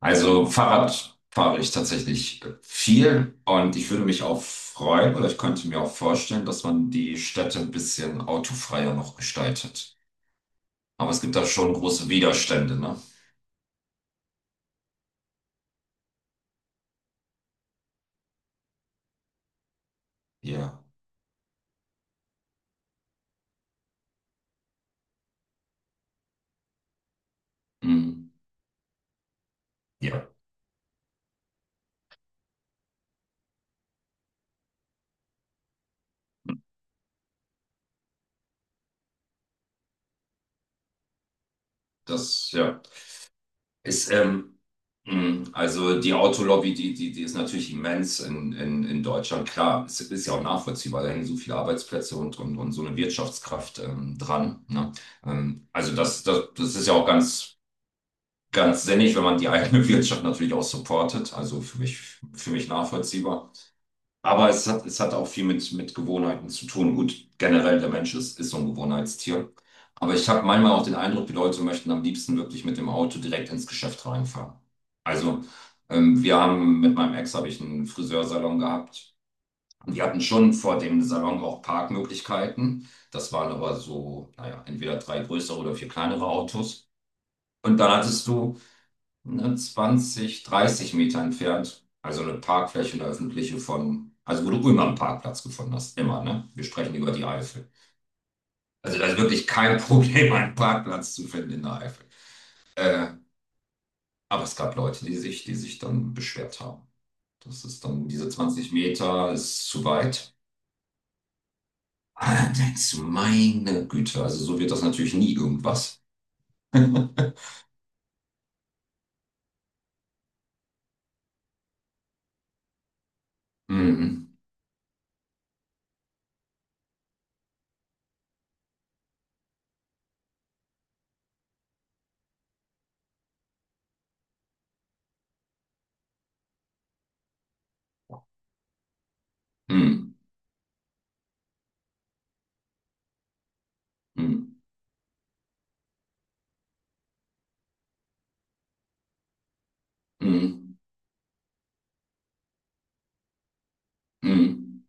Also Fahrrad fahre ich tatsächlich viel und ich würde mich auch freuen oder ich könnte mir auch vorstellen, dass man die Städte ein bisschen autofreier noch gestaltet. Aber es gibt da schon große Widerstände, ne? Ja. Mm. Ja, das, ja. Ist, mm, also die Autolobby, die ist natürlich immens in Deutschland. Klar, es ist ja auch nachvollziehbar, da hängen so viele Arbeitsplätze und so eine Wirtschaftskraft dran, ne? Also das ist ja auch ganz ganz sinnig, wenn man die eigene Wirtschaft natürlich auch supportet. Also für mich nachvollziehbar. Aber es hat auch viel mit Gewohnheiten zu tun. Gut, generell der Mensch ist so ein Gewohnheitstier. Aber ich habe manchmal auch den Eindruck, die Leute möchten am liebsten wirklich mit dem Auto direkt ins Geschäft reinfahren. Also wir haben mit meinem Ex habe ich einen Friseursalon gehabt. Und wir hatten schon vor dem Salon auch Parkmöglichkeiten. Das waren aber so, naja, entweder drei größere oder vier kleinere Autos. Und dann hattest du ne, 20, 30 Meter entfernt. Also eine Parkfläche, eine öffentliche von, also wo du immer einen Parkplatz gefunden hast. Immer, ne? Wir sprechen über die Eifel. Also da ist wirklich kein Problem, einen Parkplatz zu finden in der Eifel. Äh, aber es gab Leute, die sich dann beschwert haben. Das ist dann, diese 20 Meter ist zu weit. Ah, dann denkst du, meine Güte, also so wird das natürlich nie irgendwas. Mm, mm, mm, mm, mm,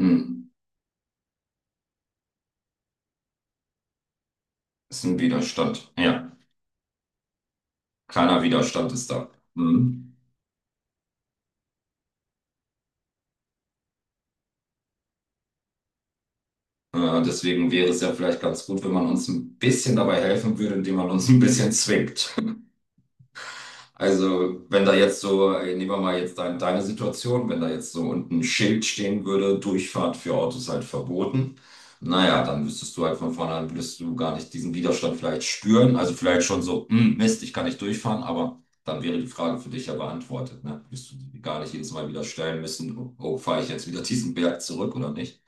mm. Ist ein Widerstand. Ja. Keiner Widerstand ist da. Mhm. Deswegen wäre es ja vielleicht ganz gut, wenn man uns ein bisschen dabei helfen würde, indem man uns ein bisschen zwingt. Also, wenn da jetzt so, nehmen wir mal jetzt dein, deine Situation, wenn da jetzt so unten ein Schild stehen würde, Durchfahrt für Autos halt verboten, naja, dann wüsstest du halt von vornherein, würdest du gar nicht diesen Widerstand vielleicht spüren. Also vielleicht schon so, "Hm, Mist, ich kann nicht durchfahren, aber dann wäre die Frage für dich ja beantwortet, ne? Wirst du die gar nicht jedes Mal wieder stellen müssen, oh, oh, fahre ich jetzt wieder diesen Berg zurück oder nicht?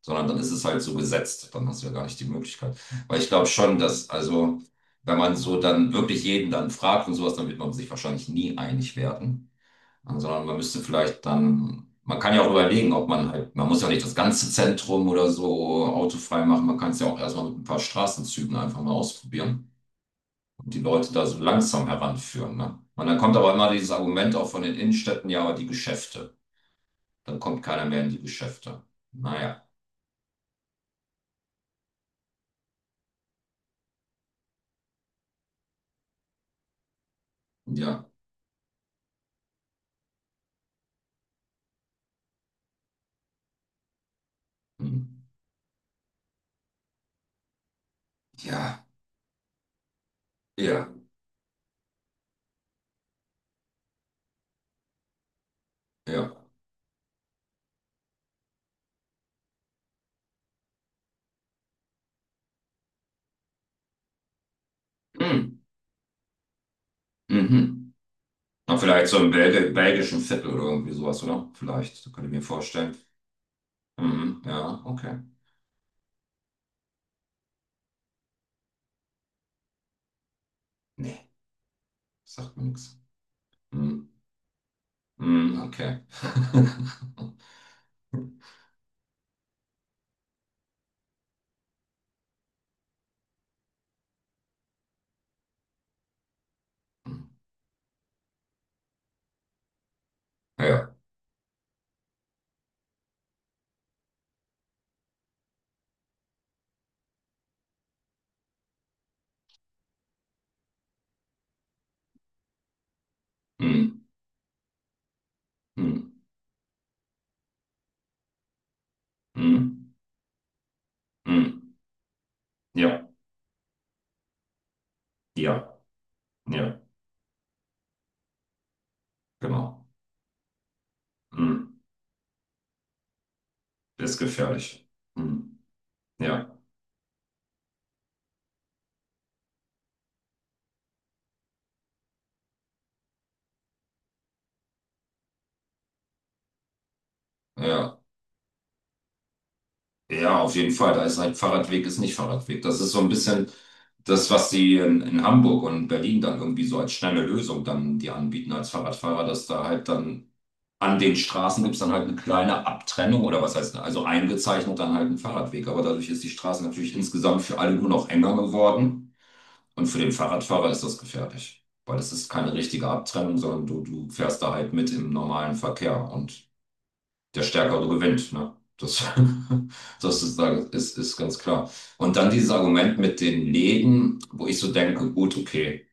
Sondern dann ist es halt so gesetzt, dann hast du ja gar nicht die Möglichkeit. Weil ich glaube schon, dass, also. Wenn man so dann wirklich jeden dann fragt und sowas, dann wird man sich wahrscheinlich nie einig werden. Ja, sondern man müsste vielleicht dann, man kann ja auch überlegen, ob man halt, man muss ja nicht das ganze Zentrum oder so autofrei machen. Man kann es ja auch erstmal mit ein paar Straßenzügen einfach mal ausprobieren und die Leute da so langsam heranführen. Ne? Und dann kommt aber immer dieses Argument auch von den Innenstädten, ja, aber die Geschäfte. Dann kommt keiner mehr in die Geschäfte. Naja, ja, hm. Ja, ja, ja. Hm. Mhm. Na, vielleicht so im belgischen Viertel oder irgendwie sowas, oder? Vielleicht, so könnte ich mir vorstellen. Mhm, ja, okay. Nee, sagt mir nichts. Mhm, mhm, okay. Ja. Mhm, mhm, mhm, mhm. Ja, ja, ja, genau. Mhm. Ist gefährlich. Mhm. Ja, ja. Ja, auf jeden Fall. Da ist halt Fahrradweg ist nicht Fahrradweg. Das ist so ein bisschen das, was sie in Hamburg und Berlin dann irgendwie so als schnelle Lösung dann die anbieten als Fahrradfahrer, dass da halt dann an den Straßen gibt's dann halt eine kleine Abtrennung oder was heißt, also eingezeichnet dann halt ein Fahrradweg. Aber dadurch ist die Straße natürlich insgesamt für alle nur noch enger geworden. Und für den Fahrradfahrer ist das gefährlich, weil es ist keine richtige Abtrennung, sondern du fährst da halt mit im normalen Verkehr und der Stärkere gewinnt. Ne? Das, das ist ganz klar. Und dann dieses Argument mit den Läden, wo ich so denke, gut, okay,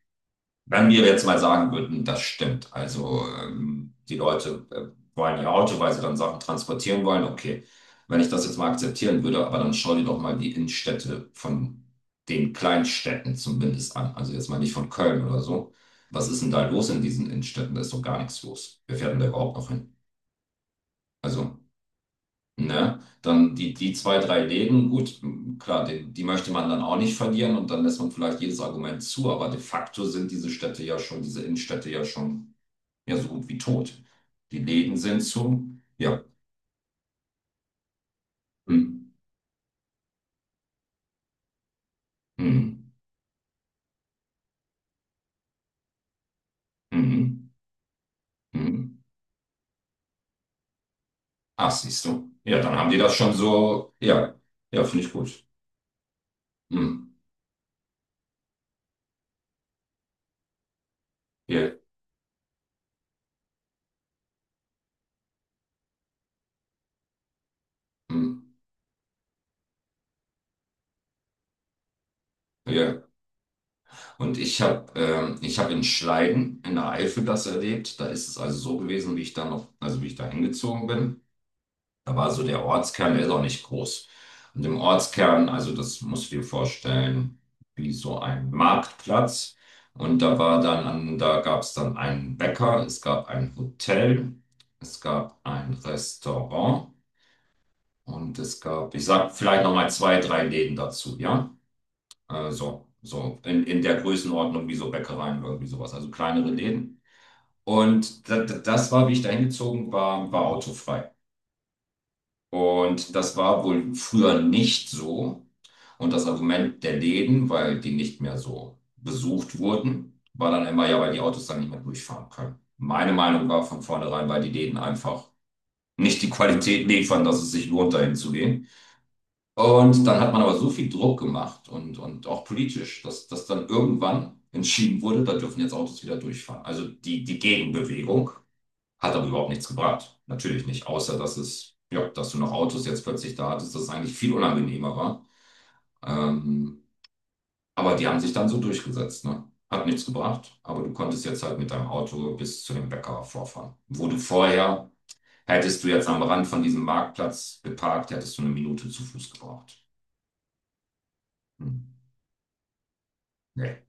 wenn wir jetzt mal sagen würden, das stimmt, also die Leute wollen ihr Auto, weil sie dann Sachen transportieren wollen, okay, wenn ich das jetzt mal akzeptieren würde, aber dann schau dir doch mal die Innenstädte von den Kleinstädten zumindest an, also jetzt mal nicht von Köln oder so. Was ist denn da los in diesen Innenstädten? Da ist doch gar nichts los. Wer fährt denn da überhaupt noch hin? Also. Ne? Dann die zwei, drei Läden, gut, m, klar, die möchte man dann auch nicht verlieren und dann lässt man vielleicht jedes Argument zu, aber de facto sind diese Städte ja schon, diese Innenstädte ja schon ja so gut wie tot. Die Läden sind zu, ja. Hm, hm, hm, hm. Ach, siehst du. Ja, dann haben die das schon so, ja, ja, finde ich gut. Hm, ja, hm, ja. Und ich habe ich hab in Schleiden in der Eifel das erlebt. Da ist es also so gewesen, wie ich da noch, also wie ich da hingezogen bin. Da war so der Ortskern, der ist auch nicht groß. Und im Ortskern, also das musst du dir vorstellen, wie so ein Marktplatz. Und da war dann, da gab es dann einen Bäcker, es gab ein Hotel, es gab ein Restaurant und es gab, ich sag vielleicht nochmal zwei, drei Läden dazu, ja? So, so in der Größenordnung wie so Bäckereien, irgendwie sowas, also kleinere Läden. Und das war, wie ich da hingezogen war, war autofrei. Und das war wohl früher nicht so. Und das Argument der Läden, weil die nicht mehr so besucht wurden, war dann immer, ja, weil die Autos dann nicht mehr durchfahren können. Meine Meinung war von vornherein, weil die Läden einfach nicht die Qualität liefern, dass es sich lohnt, dahin zu gehen. Und dann hat man aber so viel Druck gemacht und auch politisch, dass dann irgendwann entschieden wurde, da dürfen jetzt Autos wieder durchfahren. Also die Gegenbewegung. Hat aber überhaupt nichts gebracht. Natürlich nicht, außer dass es, ja, dass du noch Autos jetzt plötzlich da hattest, das eigentlich viel unangenehmer war. Ähm, aber die haben sich dann so durchgesetzt, ne? Hat nichts gebracht, aber du konntest jetzt halt mit deinem Auto bis zu dem Bäcker vorfahren. Wo du vorher, hättest du jetzt am Rand von diesem Marktplatz geparkt, hättest du eine Minute zu Fuß gebraucht. Hm. Nee.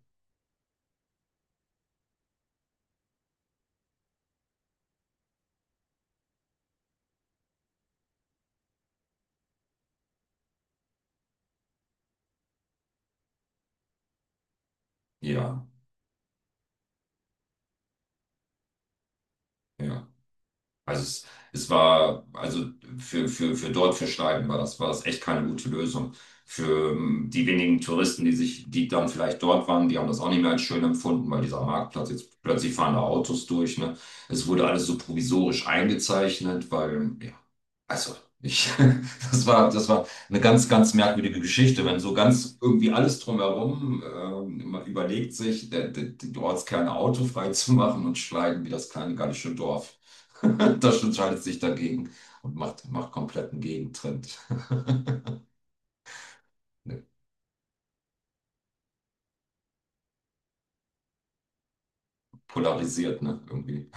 Ja, ja. Also es war, also für dort, für Schneiden war das echt keine gute Lösung. Für die wenigen Touristen, die dann vielleicht dort waren, die haben das auch nicht mehr als schön empfunden, weil dieser Marktplatz jetzt plötzlich fahren da Autos durch, ne? Es wurde alles so provisorisch eingezeichnet, weil ja, also, ich, das war eine ganz, ganz merkwürdige Geschichte, wenn so ganz irgendwie alles drumherum, man überlegt sich, die Ortskerne autofrei zu machen und schneiden wie das kleine gallische Dorf. Das entscheidet sich dagegen und macht kompletten Gegentrend. Polarisiert, ne, irgendwie.